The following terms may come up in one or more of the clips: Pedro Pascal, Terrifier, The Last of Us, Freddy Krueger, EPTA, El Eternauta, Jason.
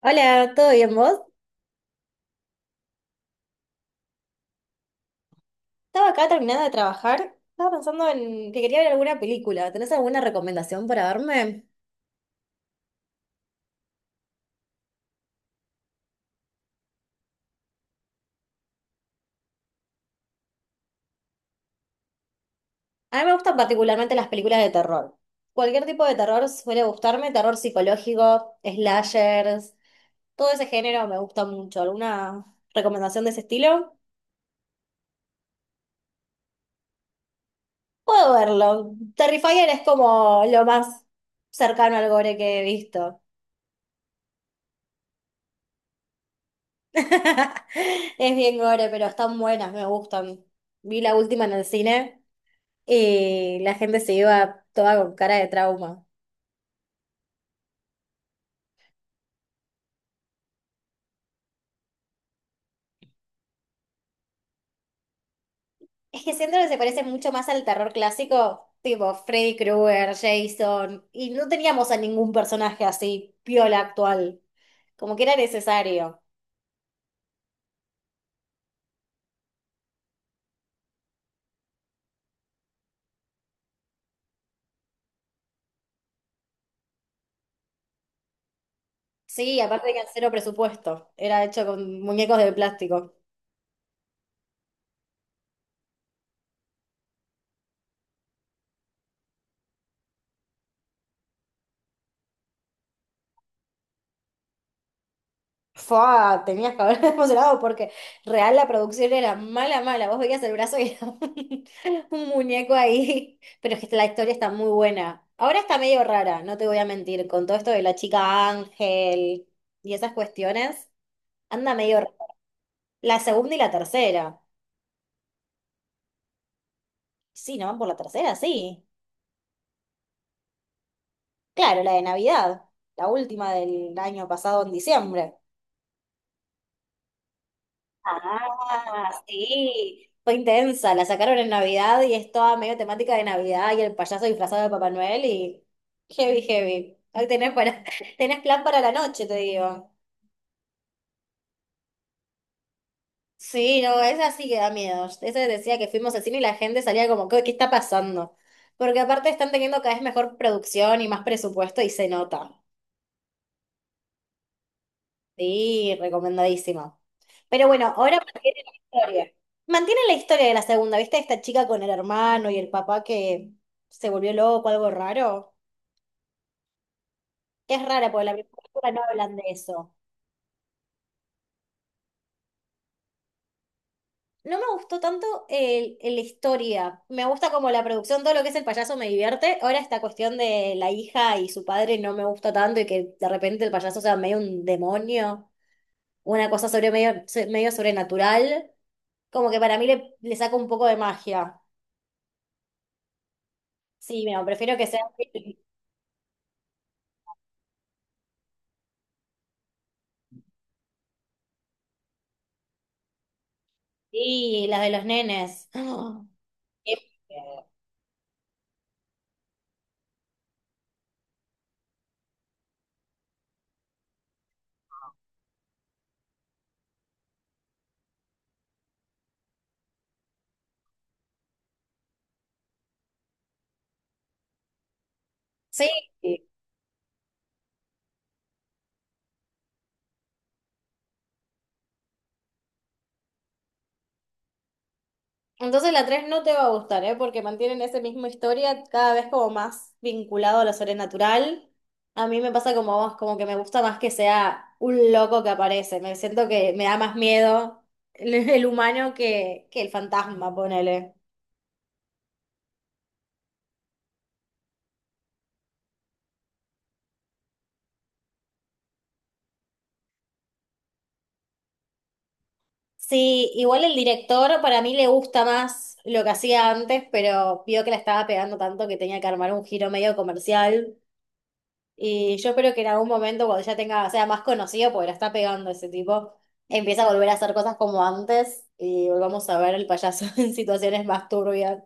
Hola, ¿todo bien vos? Estaba acá terminando de trabajar. Estaba pensando en que quería ver alguna película. ¿Tenés alguna recomendación para verme? A mí me gustan particularmente las películas de terror. Cualquier tipo de terror suele gustarme, terror psicológico, slashers, todo ese género me gusta mucho. ¿Alguna recomendación de ese estilo? Puedo verlo. Terrifier es como lo más cercano al gore que he visto. Es bien gore, pero están buenas, me gustan. Vi la última en el cine. Y la gente se iba toda con cara de trauma. Es que siento que se parece mucho más al terror clásico, tipo Freddy Krueger, Jason, y no teníamos a ningún personaje así piola actual, como que era necesario. Sí, aparte que al cero presupuesto, era hecho con muñecos de plástico. Fua, tenías que haber emocionado porque real la producción era mala, mala. Vos veías el brazo y era un muñeco ahí. Pero es que la historia está muy buena. Ahora está medio rara, no te voy a mentir, con todo esto de la chica Ángel y esas cuestiones, anda medio rara. La segunda y la tercera. Sí, ¿no van por la tercera? Sí. Claro, la de Navidad, la última del año pasado en diciembre. Ah, sí, fue intensa, la sacaron en Navidad y es toda medio temática de Navidad y el payaso disfrazado de Papá Noel y heavy, heavy. Hoy tenés, para, tenés plan para la noche, te digo. Sí, no, esa sí que da miedo. Esa decía que fuimos al cine y la gente salía como, ¿qué, qué está pasando? Porque aparte están teniendo cada vez mejor producción y más presupuesto y se nota. Sí, recomendadísimo. Pero bueno, ahora mantiene la historia. Mantiene la historia de la segunda, ¿viste? Esta chica con el hermano y el papá que se volvió loco, algo raro. Es rara porque la primera película no hablan de eso. No me gustó tanto la historia. Me gusta como la producción, todo lo que es el payaso me divierte. Ahora esta cuestión de la hija y su padre no me gusta tanto y que de repente el payaso sea medio un demonio, una cosa sobre medio, medio sobrenatural. Como que para mí le saca un poco de magia. Sí, no, prefiero que sean sí, las de los nenes. Ah, qué miedo. Sí, entonces la tres no te va a gustar, ¿eh? Porque mantienen esa misma historia cada vez como más vinculado a lo sobrenatural. A mí me pasa como a vos, como que me gusta más que sea un loco que aparece. Me siento que me da más miedo el humano que el fantasma, ponele. Sí, igual el director para mí le gusta más lo que hacía antes, pero vio que la estaba pegando tanto que tenía que armar un giro medio comercial. Y yo espero que en algún momento, cuando ya tenga, sea más conocido, porque la está pegando ese tipo, empiece a volver a hacer cosas como antes y volvamos a ver el payaso en situaciones más turbias.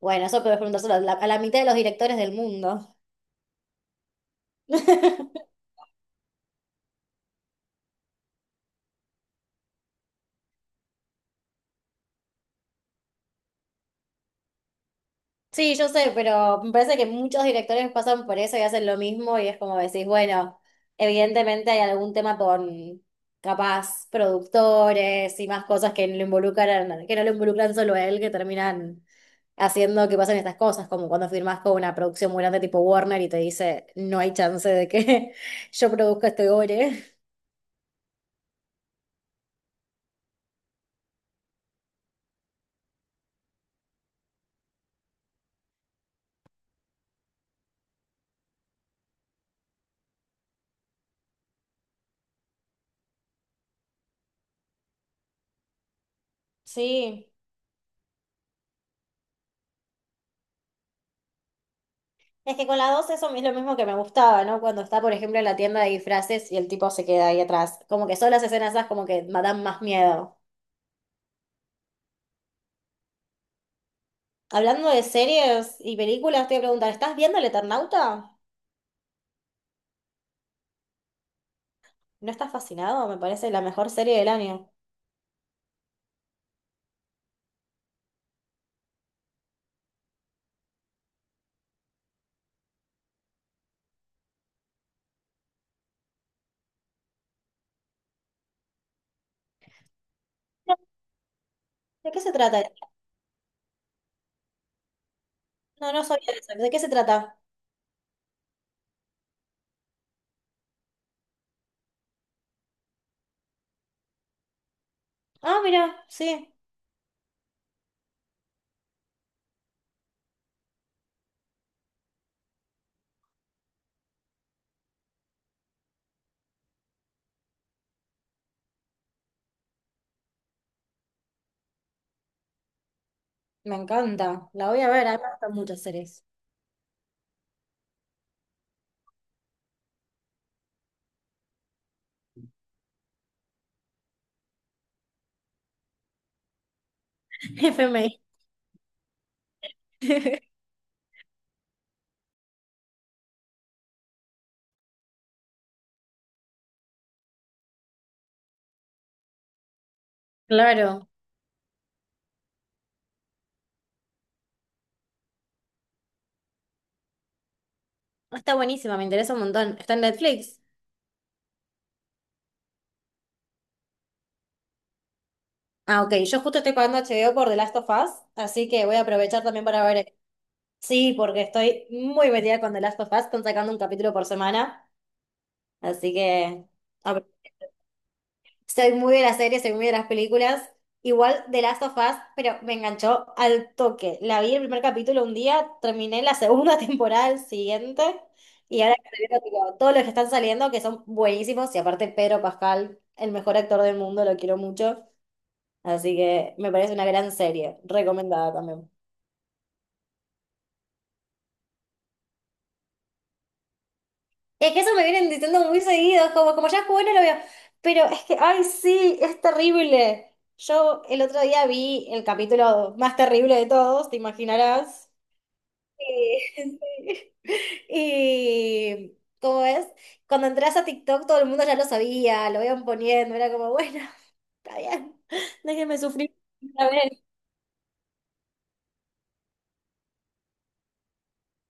Bueno, eso puedes preguntárselo a la mitad de los directores del mundo. Sí, yo sé, pero me parece que muchos directores pasan por eso y hacen lo mismo y es como decís, bueno, evidentemente hay algún tema con capaz productores y más cosas que lo involucran, que no lo involucran solo a él, que terminan haciendo que pasen estas cosas, como cuando firmas con una producción muy grande tipo Warner y te dice, no hay chance de que yo produzca este gore. Sí. Es que con la 2 eso es lo mismo que me gustaba, ¿no? Cuando está, por ejemplo, en la tienda de disfraces y el tipo se queda ahí atrás. Como que son las escenas esas como que me dan más miedo. Hablando de series y películas, te voy a preguntar, ¿estás viendo El Eternauta? ¿No estás fascinado? Me parece la mejor serie del año. No, ¿de qué se trata? No, no sabía de eso. ¿De qué se trata? Ah, mira, sí. Me encanta. La voy a ver. A mí me gustan muchas series. F FMI. Claro. Está buenísima, me interesa un montón. Está en Netflix. Ah, ok. Yo justo estoy pagando HBO por The Last of Us, así que voy a aprovechar también para ver. Sí, porque estoy muy metida con The Last of Us, están sacando un capítulo por semana, así que apro- soy muy de las series, soy muy de las películas. Igual The Last of Us, pero me enganchó al toque. La vi el primer capítulo un día, terminé la segunda temporada el siguiente, y ahora estoy viendo, tipo, todos los que están saliendo, que son buenísimos, y aparte Pedro Pascal, el mejor actor del mundo, lo quiero mucho. Así que me parece una gran serie, recomendada también. Es que eso me vienen diciendo muy seguido, es como, como ya es bueno lo veo. Pero es que, ay, sí, es terrible. Yo el otro día vi el capítulo más terrible de todos, te imaginarás. Sí, sí. Y, ¿cómo es? Cuando entras a TikTok todo el mundo ya lo sabía, lo iban poniendo, era como, bueno, está bien, déjenme sufrir. Una vez.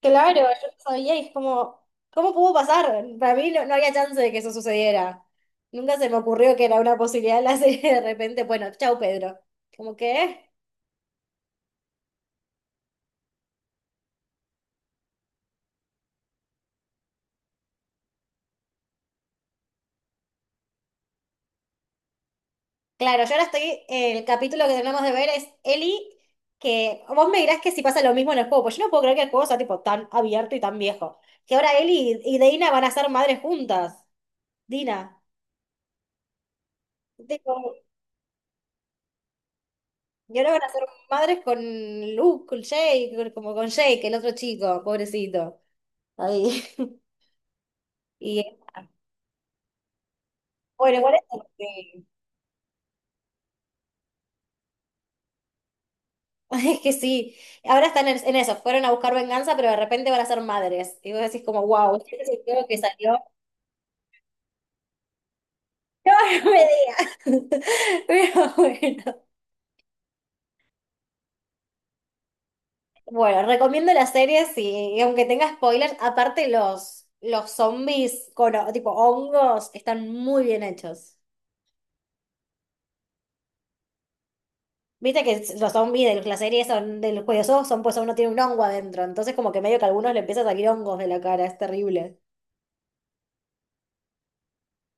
Claro, yo no sabía y es como, ¿cómo pudo pasar? Para mí no, no había chance de que eso sucediera. Nunca se me ocurrió que era una posibilidad la serie de repente, bueno, chau Pedro. Como que, claro, yo ahora estoy, el capítulo que tenemos de ver es Eli, que vos me dirás que si pasa lo mismo en el juego, pues yo no puedo creer que el juego sea tipo tan abierto y tan viejo. Que ahora Eli y Dina van a ser madres juntas. Dina. Tipo, y ahora van a ser madres con Luke, con Jake, como con Jake, el otro chico, pobrecito. Ahí. Y bueno, igual es, como que es que sí, ahora están en eso, fueron a buscar venganza, pero de repente van a ser madres. Y vos decís como, wow, este creo que salió. No, no me digas. Pero bueno. Bueno, recomiendo las series y aunque tenga spoilers, aparte los zombies con ho- tipo hongos están muy bien hechos. Viste que s- los zombies de la serie son del juego son, pues uno tiene un hongo adentro, entonces como que medio que a algunos le empieza a salir hongos de la cara, es terrible.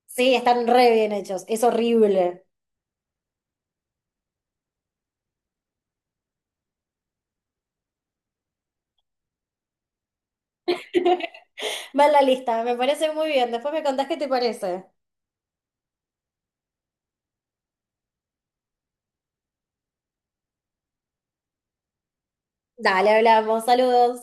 Sí, están re bien hechos. Es horrible. Va en la lista, me parece muy bien. Después me contás qué te parece. Dale, hablamos. Saludos.